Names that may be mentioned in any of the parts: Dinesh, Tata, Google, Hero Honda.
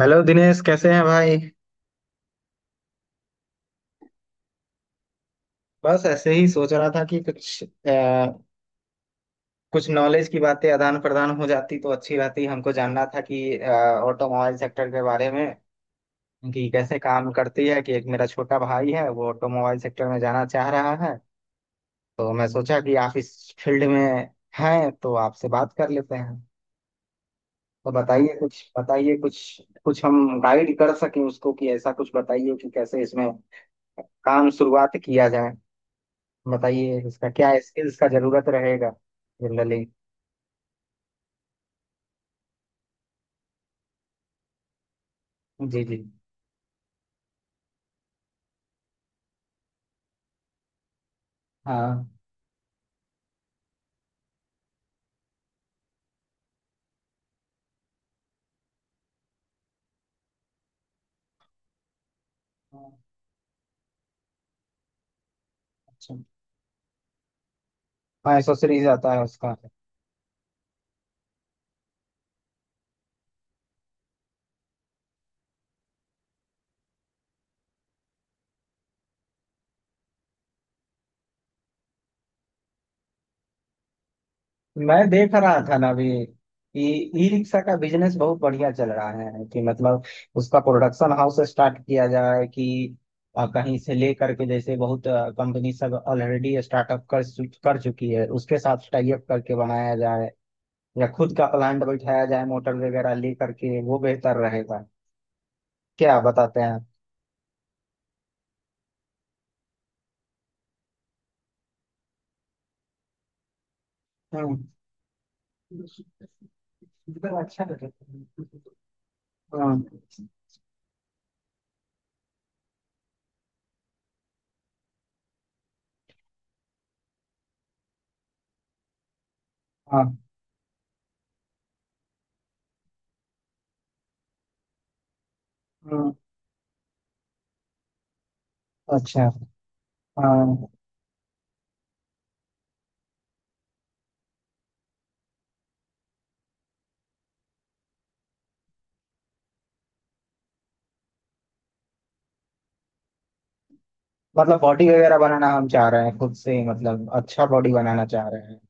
Hello Dinesh कैसे हैं भाई। बस ऐसे ही सोच रहा था कि कुछ आ, कुछ नॉलेज की बातें आदान प्रदान हो जाती तो अच्छी रहती। हमको जानना था कि ऑटोमोबाइल सेक्टर के बारे में कि कैसे काम करती है। कि एक मेरा छोटा भाई है वो ऑटोमोबाइल सेक्टर में जाना चाह रहा है, तो मैं सोचा कि आप इस फील्ड में हैं तो आपसे बात कर लेते हैं। तो बताइए कुछ, बताइए कुछ, कुछ हम गाइड कर सकें उसको। कि ऐसा कुछ बताइए कि कैसे इसमें काम शुरुआत किया जाए। बताइए इसका क्या स्किल्स का जरूरत रहेगा जनरली। जी जी। हाँ। अच्छा। हाँ एसेसरीज आता है उसका। मैं देख रहा था ना अभी ई ई रिक्शा का बिजनेस बहुत बढ़िया चल रहा है कि मतलब उसका प्रोडक्शन हाउस स्टार्ट किया जाए कि कहीं से ले करके, जैसे बहुत कंपनी सब ऑलरेडी स्टार्टअप कर कर चुकी है, उसके साथ टाई अप करके बनाया जाए या खुद का प्लांट बैठाया जाए मोटर वगैरह ले करके वो बेहतर रहेगा। क्या बताते हैं आप? हम्म। हाँ हाँ हाँ, अच्छा। हाँ मतलब बॉडी वगैरह बनाना हम चाह रहे हैं खुद से ही, मतलब अच्छा बॉडी बनाना चाह रहे हैं।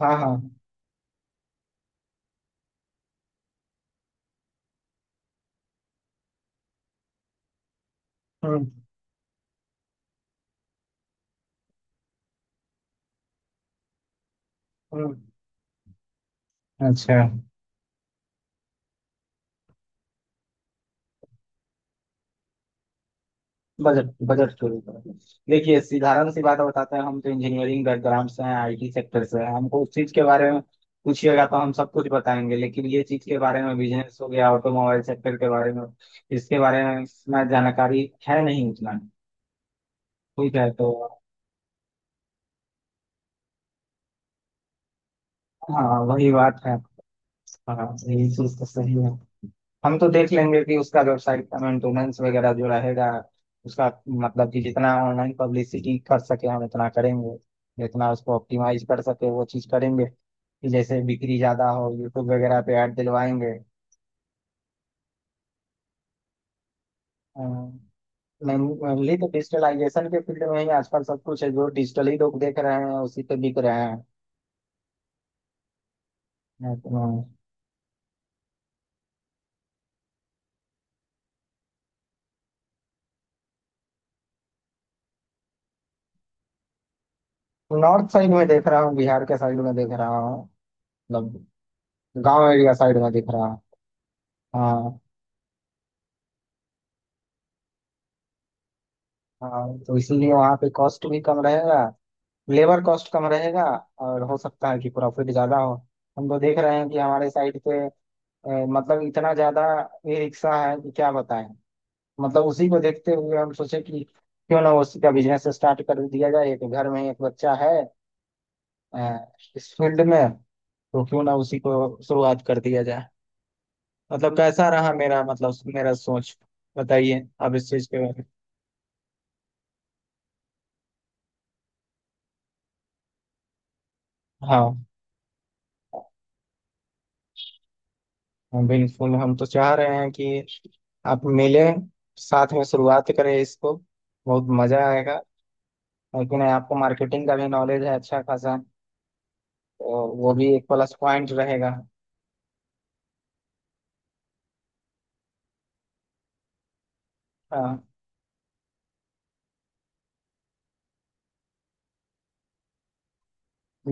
हाँ हाँ। हम्म हम्म। अच्छा। बजट बजट के ऊपर। देखिए साधारण सी बात बताते हैं, हम तो इंजीनियरिंग बैकग्राउंड से हैं, आईटी सेक्टर से हैं, हमको उस चीज के बारे में पूछिएगा तो हम सब कुछ बताएंगे, लेकिन ये चीज के बारे में, बिजनेस हो गया ऑटोमोबाइल सेक्टर के बारे में, इसके बारे में इतना जानकारी है नहीं उतना। ठीक है तो। हाँ वही बात है। हाँ यही चीज तो सही है। हम तो देख लेंगे कि उसका वेबसाइट का मेंटेनेंस वगैरह जो रहेगा उसका, मतलब कि जितना ऑनलाइन पब्लिसिटी कर सके हम उतना करेंगे। जितना उसको ऑप्टिमाइज कर सके वो चीज़ करेंगे कि जैसे बिक्री ज़्यादा हो, यूट्यूब वगैरह पे ऐड दिलवाएंगे। मेनली तो डिजिटलाइजेशन के फील्ड में ही आजकल सब कुछ है, जो डिजिटली लोग देख रहे हैं उसी पे बिक रहे हैं। नॉर्थ साइड में देख रहा हूँ, बिहार के साइड में देख रहा हूँ। मतलब गांव एरिया साइड में दिख रहा है। हाँ। हाँ तो इसीलिए वहाँ पे कॉस्ट भी कम रहेगा, लेबर कॉस्ट कम रहेगा, और हो सकता है कि प्रॉफिट ज्यादा हो। हम तो देख रहे हैं कि हमारे साइड पे मतलब इतना ज्यादा ई रिक्शा है कि क्या बताएं। मतलब उसी को देखते हुए हम सोचे कि क्यों ना उसी का बिजनेस स्टार्ट कर दिया जाए, एक घर में एक बच्चा है इस फील्ड में, तो क्यों ना उसी को शुरुआत कर दिया जाए। मतलब कैसा रहा मेरा, मतलब मेरा सोच। बताइए आप इस चीज के बारे में। हाँ हाँ, बिल्कुल हम तो चाह रहे हैं कि आप मिलें, साथ में शुरुआत करें इसको, बहुत मजा आएगा। लेकिन आपको मार्केटिंग का भी नॉलेज है अच्छा खासा, तो वो भी एक प्लस पॉइंट रहेगा। हाँ।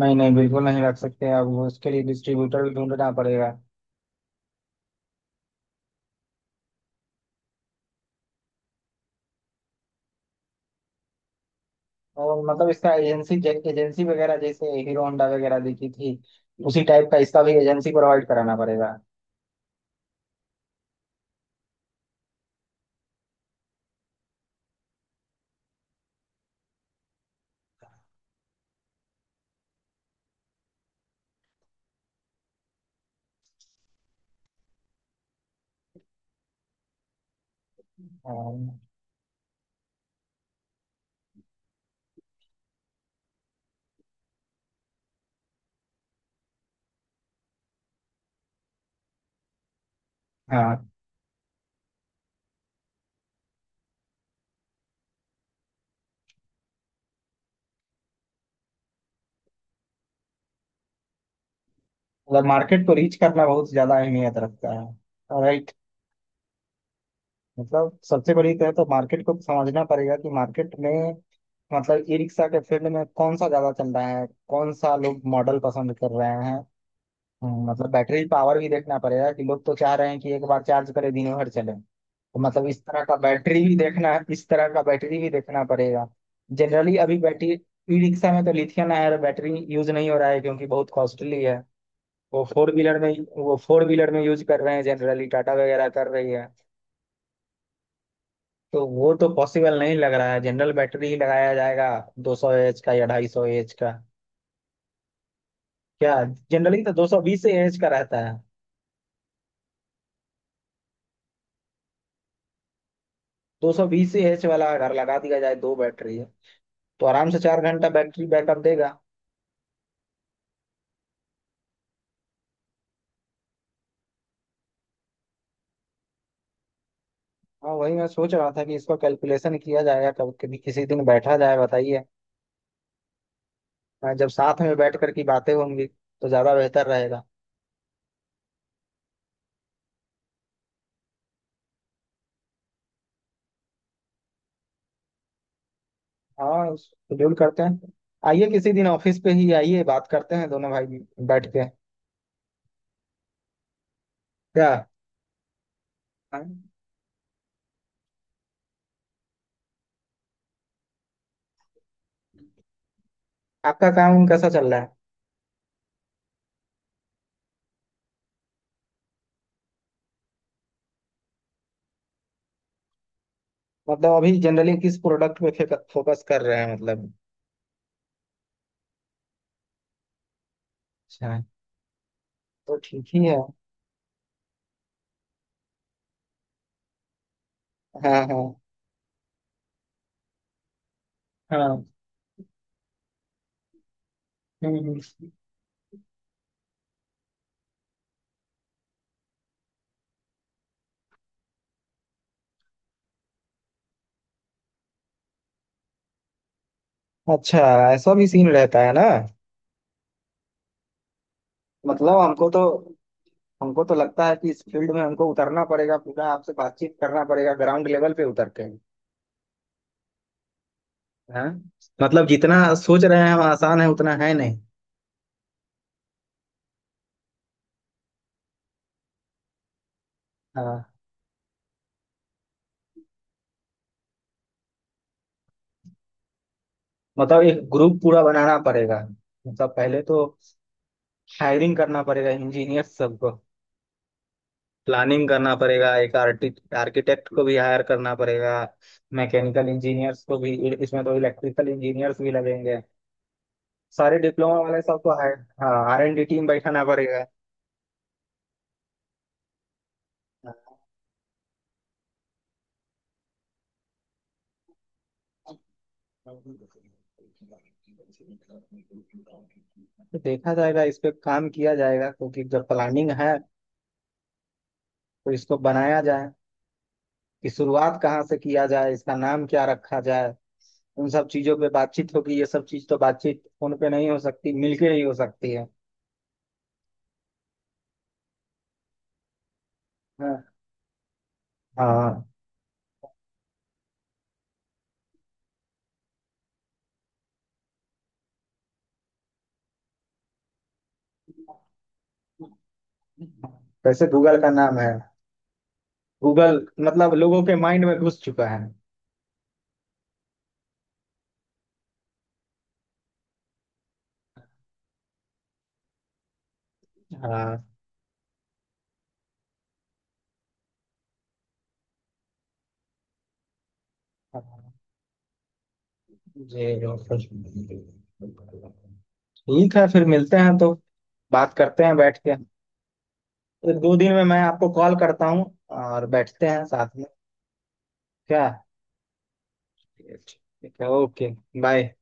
नहीं नहीं बिल्कुल नहीं रख सकते, अब वो उसके लिए डिस्ट्रीब्यूटर भी ढूंढना पड़ेगा। और मतलब इसका एजेंसी, एजेंसी वगैरह जैसे हीरो होंडा वगैरह देखी थी, उसी टाइप का इसका भी एजेंसी प्रोवाइड कराना पड़ेगा। हाँ हाँ, मतलब मार्केट को रीच करना बहुत ज्यादा अहमियत रखता है। और मतलब सबसे बड़ी कहे तो मार्केट को समझना पड़ेगा कि मार्केट में, मतलब ई रिक्शा के फील्ड में कौन सा ज्यादा चल रहा है, कौन सा लोग मॉडल पसंद कर रहे हैं। मतलब बैटरी पावर भी देखना पड़ेगा कि लोग तो चाह रहे हैं कि एक बार चार्ज करें दिनों भर चले, तो मतलब इस तरह का बैटरी भी देखना पड़ेगा। जनरली अभी बैटरी ई रिक्शा में तो लिथियम आयन बैटरी यूज नहीं हो रहा है क्योंकि बहुत कॉस्टली है। वो फोर व्हीलर में वो फोर व्हीलर में यूज कर रहे हैं जनरली, टाटा वगैरह कर रही है। तो वो तो पॉसिबल नहीं लग रहा है, जनरल बैटरी ही लगाया जाएगा, 200 एएच का या 250 एएच का क्या। जनरली तो 220 एएच का रहता है। 220 एएच वाला अगर लगा दिया जाए, 2 बैटरी है, तो आराम से 4 घंटा बैटरी बैकअप देगा। हाँ वही मैं सोच रहा था कि इसका कैलकुलेशन किया जाएगा, कब कभी किसी दिन बैठा जाए बताइए। हाँ, जब साथ में बैठ कर की बातें होंगी तो ज्यादा बेहतर रहेगा। हाँ शेड्यूल करते हैं, आइए किसी दिन ऑफिस पे ही आइए, बात करते हैं दोनों भाई बैठ के, क्या। हाँ, आपका काम कैसा चल रहा है? मतलब अभी जनरली किस प्रोडक्ट पे फोकस कर रहे हैं मतलब। अच्छा, तो ठीक ही है। हाँ हाँ हाँ। हम्म, हम्म। अच्छा ऐसा भी सीन रहता है ना। मतलब हमको तो लगता है कि इस फील्ड में हमको उतरना पड़ेगा पूरा, आपसे बातचीत करना पड़ेगा ग्राउंड लेवल पे उतर के। हाँ मतलब जितना सोच रहे हैं हम आसान है उतना है नहीं। हाँ मतलब एक ग्रुप पूरा बनाना पड़ेगा। मतलब पहले तो हायरिंग करना पड़ेगा इंजीनियर सबको, प्लानिंग करना पड़ेगा, एक आर्किटेक्ट को भी हायर करना पड़ेगा, मैकेनिकल इंजीनियर्स को भी, इसमें तो इलेक्ट्रिकल इंजीनियर्स भी लगेंगे, सारे डिप्लोमा वाले सबको हायर। हाँ आर एन डी टीम बैठाना पड़ेगा। तो देखा जाएगा, इस पे काम किया जाएगा, क्योंकि जब प्लानिंग है तो इसको बनाया जाए कि शुरुआत कहाँ से किया जाए, इसका नाम क्या रखा जाए, उन सब चीजों पे बातचीत होगी। ये सब चीज तो बातचीत फोन पे नहीं हो सकती, मिलके ही हो सकती है। हाँ। हाँ वैसे गूगल का नाम है, गूगल, मतलब लोगों के माइंड में घुस चुका है। हाँ हाँ, जी बिल्कुल। ठीक है फिर मिलते हैं तो, बात करते हैं बैठ के, एक दो दिन में मैं आपको कॉल करता हूँ और बैठते हैं साथ में, क्या। ठीक है ओके। बाय।